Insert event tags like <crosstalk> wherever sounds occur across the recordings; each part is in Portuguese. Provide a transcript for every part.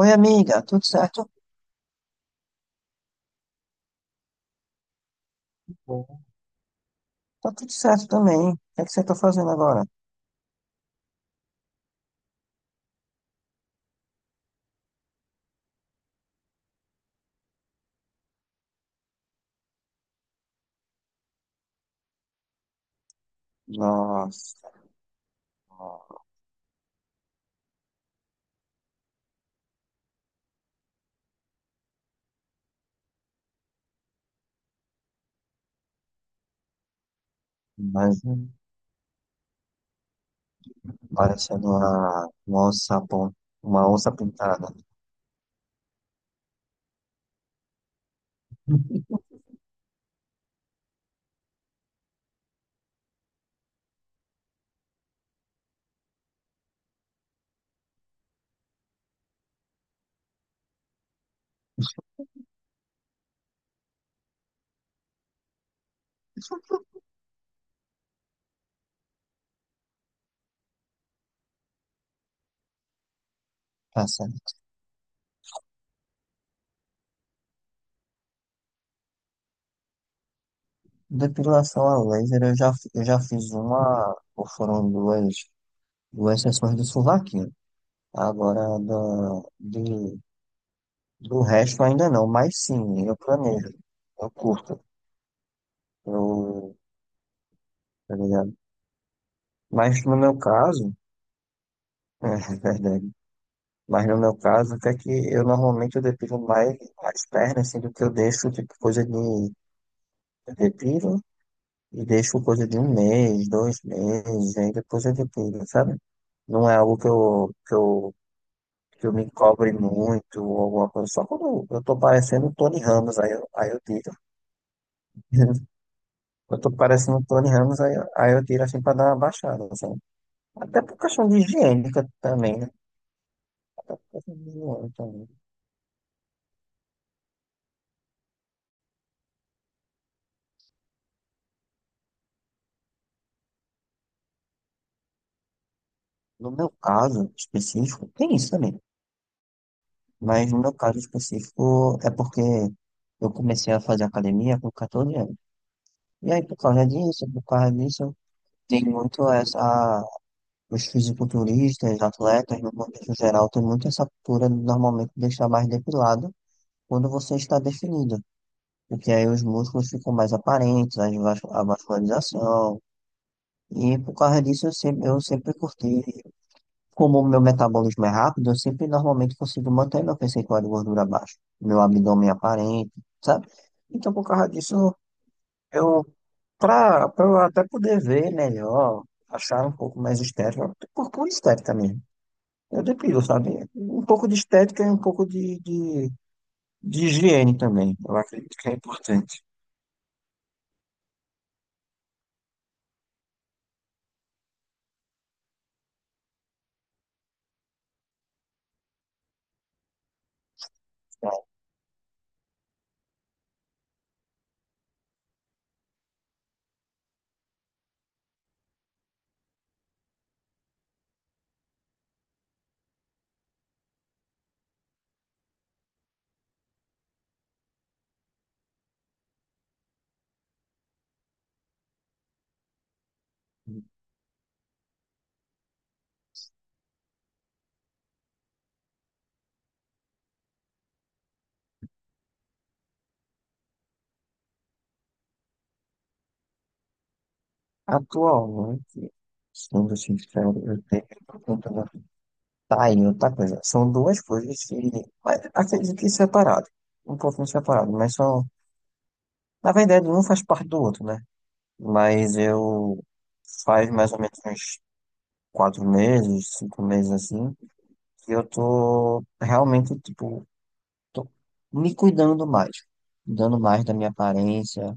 Oi, amiga, tudo certo? Bom, tá tudo certo também. O que é que você tá fazendo agora? Nossa, mas parecendo uma onça, uma onça pintada. Tá certo. Depilação a laser, eu já fiz uma, ou foram duas, duas sessões do sovaquinho. Agora, do resto ainda não, mas sim, eu planejo, eu curto, eu, tá ligado? Mas no meu caso, <laughs> é verdade. Mas no meu caso, até que eu normalmente eu depilo mais as pernas, assim, do que eu deixo, tipo, coisa de eu depilo e deixo coisa de um mês, dois meses, aí depois eu depilo, sabe? Não é algo que eu me cobre muito ou alguma coisa. Só quando eu tô parecendo o Tony Ramos, aí eu tiro. <laughs> Eu tô parecendo o Tony Ramos, aí, aí eu tiro assim pra dar uma baixada, sabe? Até por questão de higiênica também, né? Até por questão de higiene também. No meu caso específico, tem isso também. Mas no meu caso específico é porque eu comecei a fazer academia com 14 anos. E aí, por causa disso, tem muito essa. Os fisiculturistas, atletas, no contexto geral, tem muito essa cultura de normalmente deixar mais depilado quando você está definido. Porque aí os músculos ficam mais aparentes, a vascularização. E por causa disso, eu sempre curti. Como o meu metabolismo é rápido, eu sempre normalmente consigo manter meu percentual de gordura baixo, meu abdômen aparente, sabe? Então, por causa disso, eu, pra eu até poder ver melhor, achar um pouco mais estético, por pura estética mesmo. Eu depilo, sabe? Um pouco de estética e um pouco de higiene também. Eu acredito que é importante. Atualmente, sendo sincero, eu tenho. Tá aí outra coisa. São duas coisas que. Mas acredito que separado. Um pouquinho separado, mas são. Na verdade, um faz parte do outro, né? Mas eu. Faz mais ou menos uns 4 meses, 5 meses assim, que eu tô realmente, tipo, tô me cuidando mais. Cuidando mais da minha aparência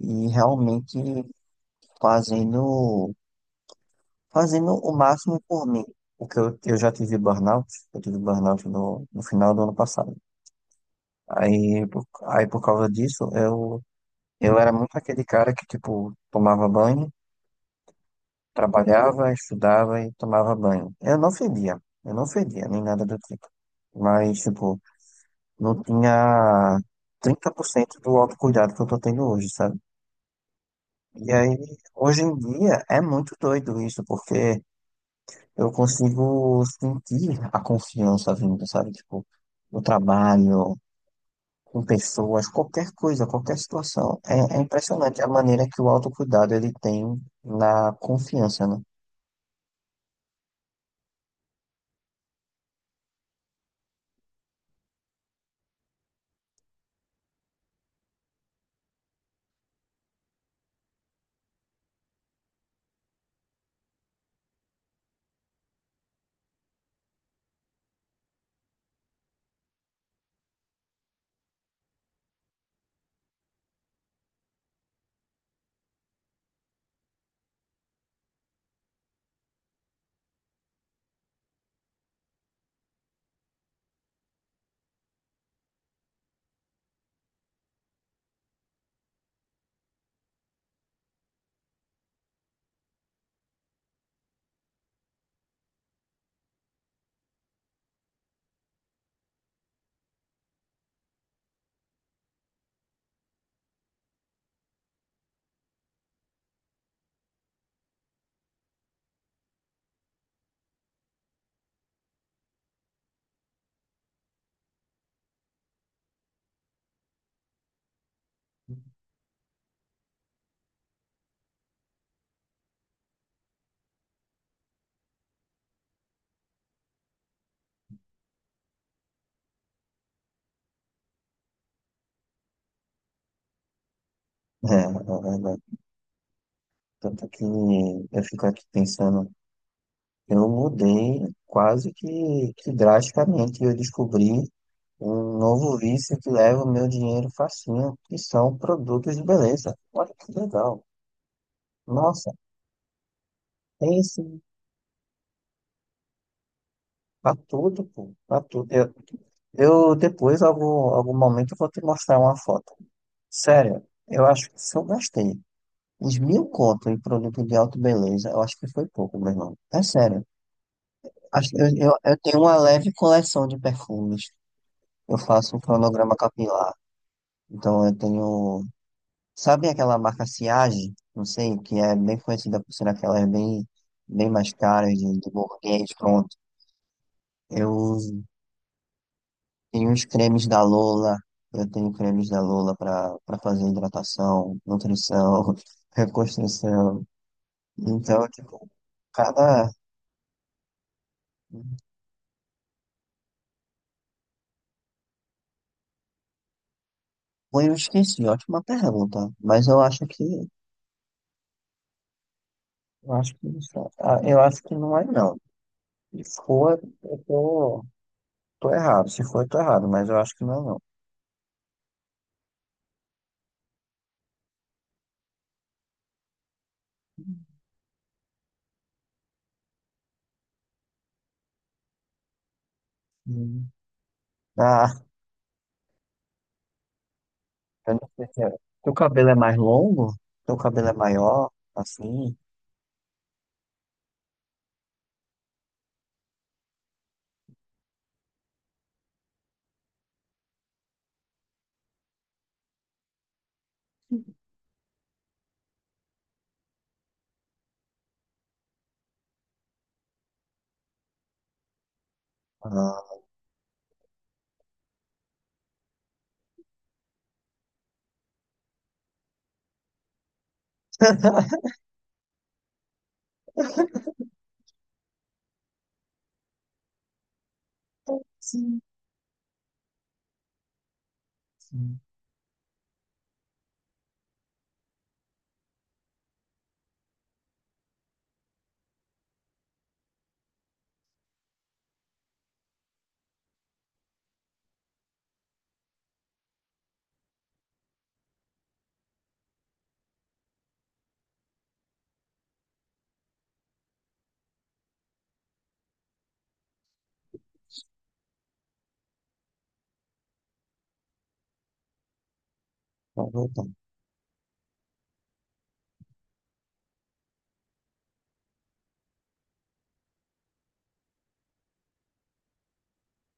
e realmente fazendo. Fazendo o máximo por mim. Porque eu já tive burnout. Eu tive burnout no final do ano passado. Aí, aí por causa disso, eu era muito aquele cara que, tipo, tomava banho, trabalhava, estudava e tomava banho. Eu não fedia, nem nada do tipo. Mas, tipo, não tinha 30% do autocuidado que eu tô tendo hoje, sabe? E aí, hoje em dia, é muito doido isso, porque eu consigo sentir a confiança vindo, sabe? Tipo, o trabalho, com pessoas, qualquer coisa, qualquer situação. É, é impressionante a maneira que o autocuidado ele tem na confiança, né? É, é verdade. Tanto que eu fico aqui pensando, eu mudei quase que drasticamente, eu descobri um novo vício que leva o meu dinheiro facinho, que são produtos de beleza. Olha que legal. Nossa, tem sim, pra tudo, pô, pra tudo. Eu depois, algum momento, eu vou te mostrar uma foto. Sério, eu acho que se eu gastei uns 1000 conto em produto de auto beleza, eu acho que foi pouco, meu irmão. É sério. Acho- eu tenho uma leve coleção de perfumes. Eu faço um cronograma capilar. Então eu tenho. Sabe aquela marca Siage? Não sei, que é bem conhecida por ser aquelas bem, bem mais caras de burguês, pronto. Eu tem uns cremes da Lola, eu tenho cremes da Lola para para fazer hidratação, nutrição, <laughs> reconstrução. Então, tipo, cada. Pô, eu esqueci, ótima pergunta. Mas eu acho que. Eu acho que, não sei. Ah, eu acho que não é, não. Se for, eu tô, tô errado. Se for, eu tô errado, mas eu acho que não é, não. Hum. Ah, eu não sei se é. Teu cabelo é mais longo? Teu cabelo é maior? Assim? Ah. <laughs> Sim. Pra voltar.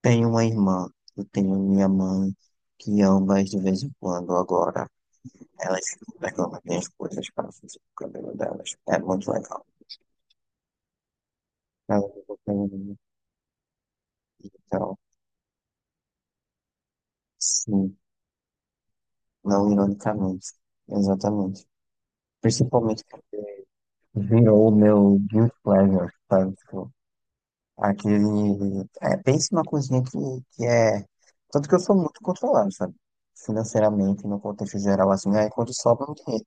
Tenho uma irmã, eu tenho minha mãe, que ambas de vez em quando agora, elas ficam pegando as minhas coisas para fazer o cabelo delas. É muito legal. Elas ficam pegando então sim, não ironicamente. Exatamente. Principalmente virou o meu guilt pleasure, sabe? Tipo, aquele é, pense uma coisinha que é tanto que eu sou muito controlado, sabe? Financeiramente, no contexto geral, assim, aí quando sobra um dinheiro.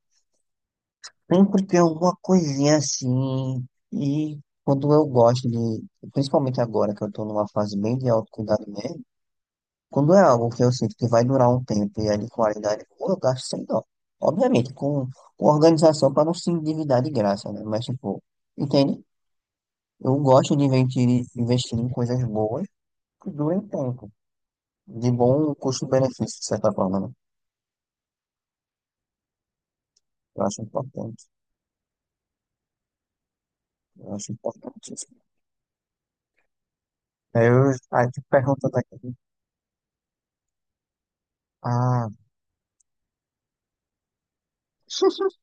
Sempre tem alguma coisinha assim. E quando eu gosto de, principalmente agora que eu tô numa fase bem de autocuidado mesmo, quando é algo que eu sinto que vai durar um tempo e é de qualidade boa, eu gasto sem dó. Obviamente, com organização para não se endividar de graça, né? Mas, tipo, entende? Eu gosto de investir, investir em coisas boas que durem tempo, de bom custo-benefício, de certa forma, né? Eu acho importante. Eu acho importante. Aí eu fico perguntando aqui. Ah. <laughs>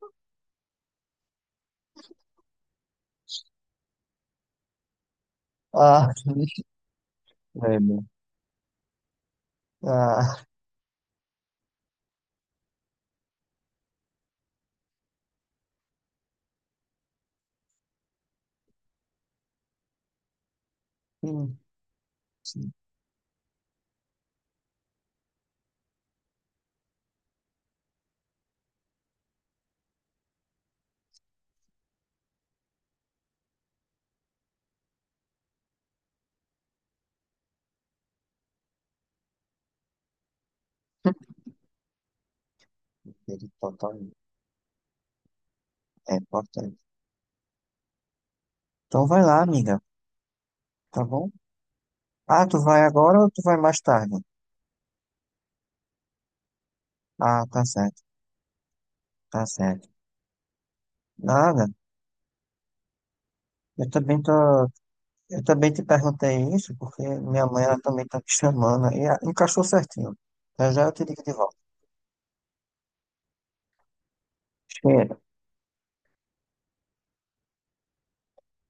Ah, <laughs> é, né? Ah, sim, sim, ele totalmente. É importante. Então vai lá, amiga, tá bom? Ah, tu vai agora ou tu vai mais tarde? Ah, tá certo, tá certo. Nada, eu também tô, eu também te perguntei isso porque minha mãe ela também tá te chamando e ah, encaixou certinho. Já já eu te ligo de volta. Cheiro.